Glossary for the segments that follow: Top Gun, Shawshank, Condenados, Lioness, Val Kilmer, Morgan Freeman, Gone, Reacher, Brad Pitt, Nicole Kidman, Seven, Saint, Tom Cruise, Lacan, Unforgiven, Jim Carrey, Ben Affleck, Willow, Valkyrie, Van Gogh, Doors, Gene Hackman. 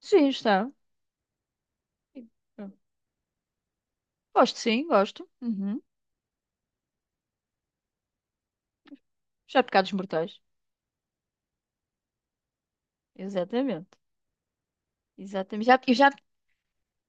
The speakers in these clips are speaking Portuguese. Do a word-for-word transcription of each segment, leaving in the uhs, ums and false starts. Sim, está. Gosto, sim, gosto. Uhum. Já pecados mortais. Exatamente. Exatamente. Já, eu já,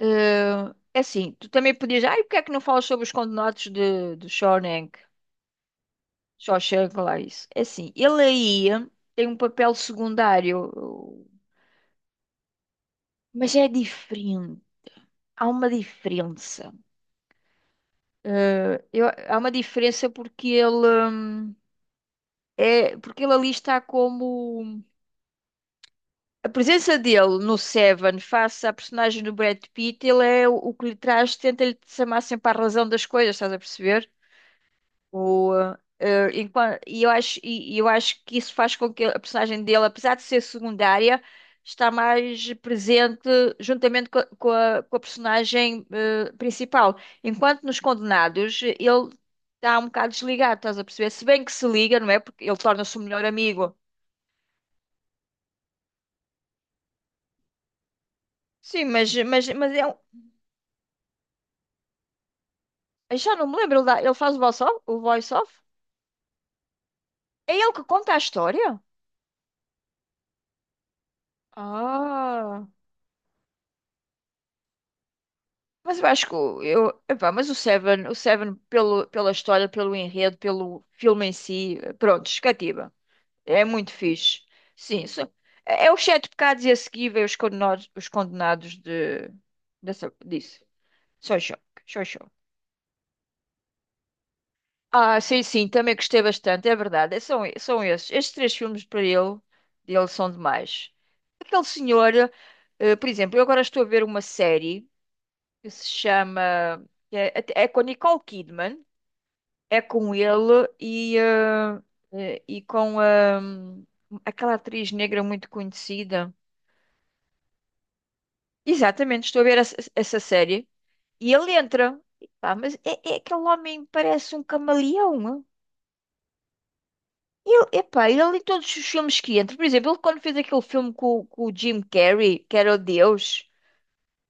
eh, é assim, tu também podias. Ai, porque é que não falas sobre os condenados de, de Shawshank? Shawshank, lá isso. É assim, ele aí tem um papel secundário, mas é diferente. Há uma diferença. Eh, eu- há uma diferença porque ele, hum, é porque ele ali está como. A presença dele no Seven face à personagem do Brad Pitt, ele é o, o que lhe traz, tenta-lhe chamar sempre à razão das coisas, estás a perceber? O, eh, eh, enquan- e, eu acho, e, e eu acho que isso faz com que a personagem dele, apesar de ser secundária, está mais presente juntamente co- com, a, com a personagem eh, principal. Enquanto nos Condenados, ele está um bocado desligado, estás a perceber? Se bem que se liga, não é? Porque ele torna-se o melhor amigo. Sim, mas, mas, mas é. Eu já não me lembro. Ele dá- ele faz o voice-off? O voice-off? É ele que conta a história? Ah. Mas eu acho que o- eu, epá, mas o Seven, o Seven pelo, pela história, pelo enredo, pelo filme em si, pronto, cativa. É muito fixe. Sim, isso, é é os sete pecados e a seguir vem os condenados, os condenados de, dessa, disso. Só choque, só choque. Ah, sim, sim, também gostei bastante, é verdade. é- São, são esses. Estes três filmes para ele, dele são demais. Aquele senhor, eh, por exemplo, eu agora estou a ver uma série que se chama, que É, é com a Nicole Kidman, é com ele e, eh, eh, e com ahm, aquela atriz negra muito conhecida. Exatamente, estou a ver essa, essa série e ele entra. E pá, mas é, é aquele homem parece um camaleão. Ele, epá, ele ali todos os filmes que entra, por exemplo, ele quando fez aquele filme com, com o Jim Carrey, que era o Deus,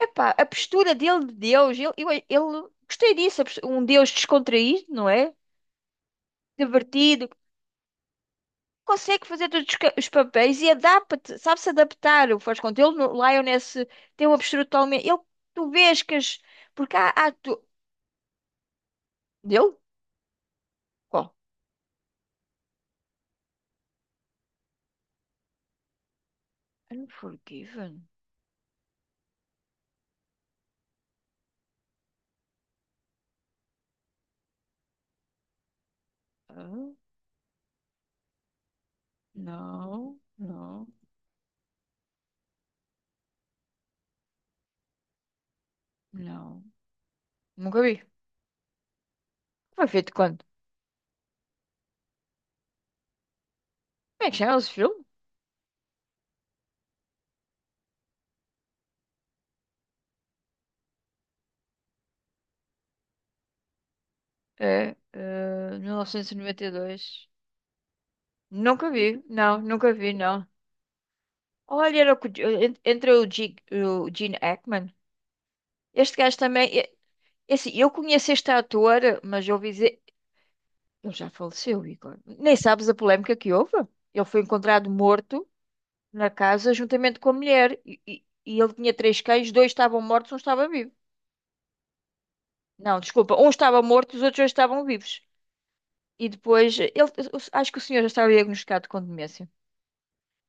epá, a postura dele de Deus, ele, eu- ele gostei disso, a postu- um Deus descontraído, não é? Divertido, consegue fazer todos os, ca- os papéis e adapta-te, sabe-se adaptar, o faz conta. Ele no Lioness tem uma postura totalmente. Ele, tu vês que as. Porque há. há tu. Dele? Qual? Unforgiven? Ah, não, não, não. Nunca vi. Foi feito quando? Como é que chama esse filme? É, eh, mil novecentos e noventa e dois. Nunca vi, não, nunca vi, não. Olha, era o que- en- entre o, G, o Gene Hackman. Este gajo também. é- é assim, eu conheço este ator, mas eu ouvi dizer. Ele já faleceu, Igor. Nem sabes a polémica que houve. Ele foi encontrado morto na casa juntamente com a mulher. E, e- e ele tinha três cães, dois estavam mortos, um estava vivo. Não, desculpa, um estava morto, os outros dois estavam vivos. E depois, ele, acho que o senhor já estava diagnosticado com demência.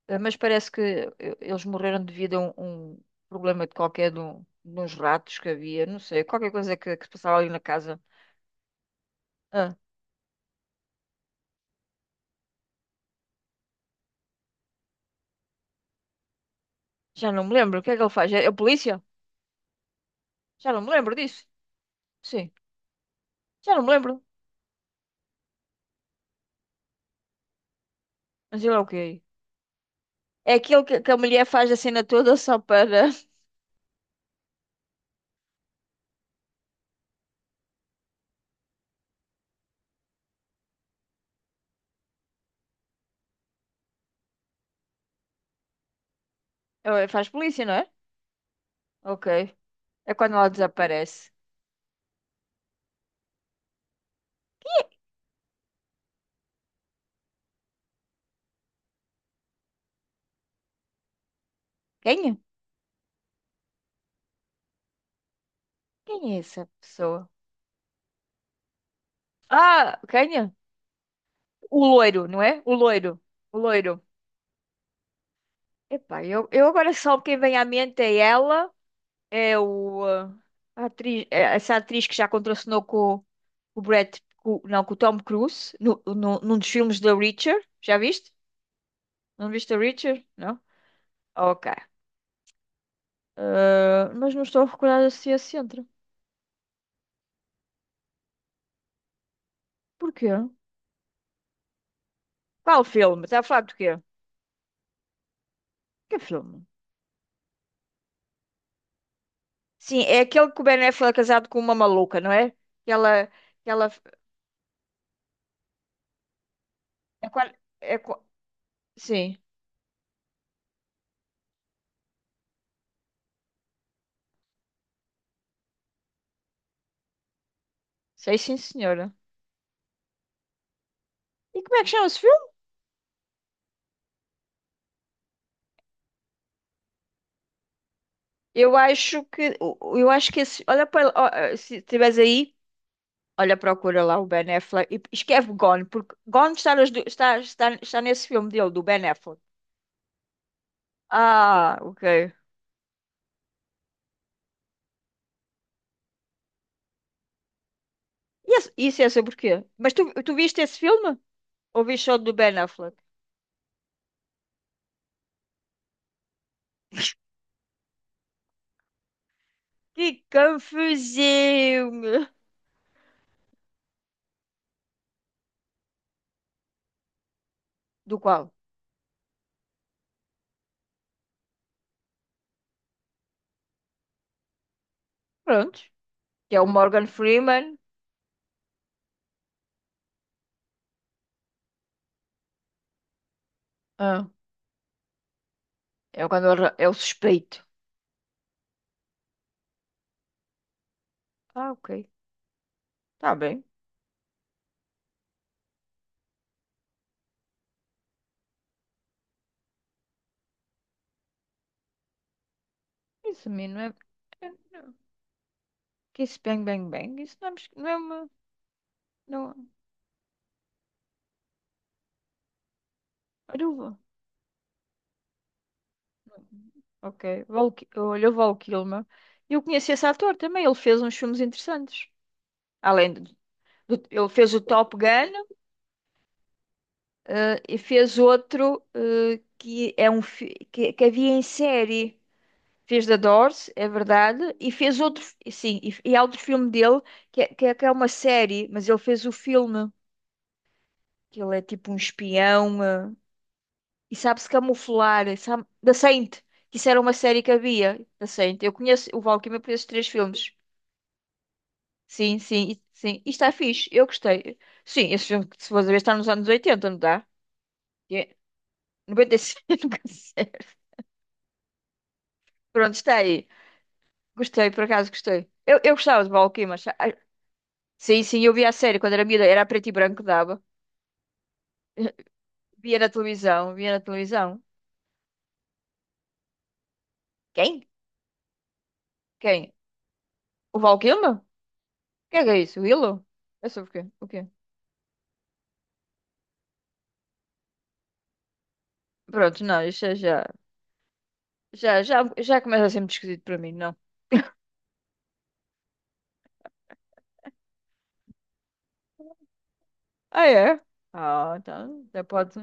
Eh, Mas parece que eh, eles morreram devido a um, um problema de qualquer de, um, de uns ratos que havia, não sei, qualquer coisa que, que se passava ali na casa. Ah, já não me lembro. O que é que ele faz? É a polícia? Já não me lembro disso. Sim, já não me lembro. Mas ele é o quê? É aquele que, que a mulher faz a cena toda só para. Eh, Faz polícia, não é? Ok. É quando ela desaparece. Quem é? Quem é essa pessoa? Ah, quem é? O loiro, não é? O loiro. O loiro. Epá, eu, eu agora só quem vem à mente é ela. É o, ah, a atriz, é essa atriz que já contracenou com o Brad, com, não, com o Tom Cruise, no, no, num dos filmes da Reacher. Já viste? Não viste a Reacher? Não? Ok. Ah, mas não estou a recordar se é centro. Porquê? Qual filme? Está a falar de quê? Que filme? Sim, é aquele que o Ben Affleck é casado com uma maluca, não é? Que ela, que ela é, qua- é qua- sim, sei sim, senhora. E como é que chama-se. Eu acho que, eu acho que esse, olha para, ó, eh, se estiveres aí, olha, procura lá o Ben Affleck e escreve Gone, porque Gone está, nas du- está, está, está nesse filme dele, do Ben Affleck. Ah, ok. E esse- Isso é sobre o quê? Mas tu, tu viste esse filme? Ou viste só do Ben Affleck? Que confusão, meu! Do qual? Pronto. Que é o Morgan Freeman. Ah, é o quando ele é o suspeito. Ah, ok. Tá bem. Isso, menino, é... é- não. Que isso, bang, bang, bang. Isso não é, mos- não é uma. Não, Aruba. Ok. Val Ki- Olha, o Val Kilmer. Eu conheci esse ator também. Ele fez uns filmes interessantes. Além de, do- ele fez o Top Gun, eh, e fez outro, eh, que é um fi- que, que havia em série. Fez da Doors, é verdade, e fez outro, sim, e, e há outro filme dele que é, que é que é uma série, mas ele fez o filme, que ele é tipo um espião. eh, E sabe-se camuflar. eh, Sabe. Da Saint. Que Isso era uma série que havia. Da Saint. Eu conheço o Valkyrie, eu conheço três filmes. Sim, sim, e- sim. E está fixe. Eu gostei. Sim, esse filme, que se for ver, está nos anos oitenta, não está? É, noventa e cinco, nunca sei. Pronto, está aí. Gostei, por acaso gostei. Eu, eu gostava de Valkyrie, mas. Ah, sim, sim, eu via a série quando era miúda. Era a preto e branco que dava. Via na televisão, via na televisão. Quem? Quem? O Valkyrie? Quem é que é isso? O Willow? É sobre o quê? O quê? Pronto, não, isso é já. Já, já, já começa a ser muito esquisito para mim, não? Ah, é? Ah, então já pode,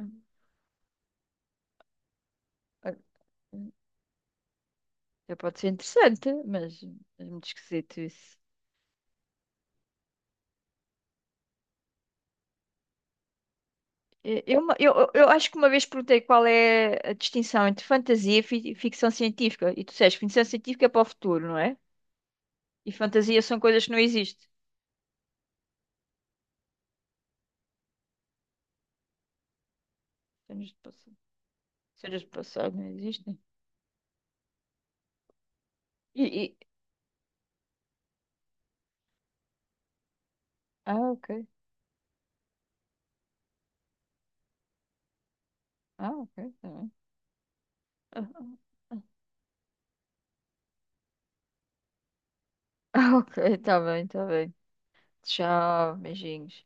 já pode ser interessante, mas é muito esquisito isso. Eh, Eu, uma- eu, eu eu acho que uma vez perguntei qual é a distinção entre fantasia e fi- ficção científica. E tu disseste, ficção científica é para o futuro, não é? E fantasia são coisas que não existem. Cenas do passado, cenas do passado não existem. E, e- Ah, ok. Ah, ok. Tá bem. Ah, ah, ah. Ah, ok. Tá bem, tá bem. Tchau, beijinhos.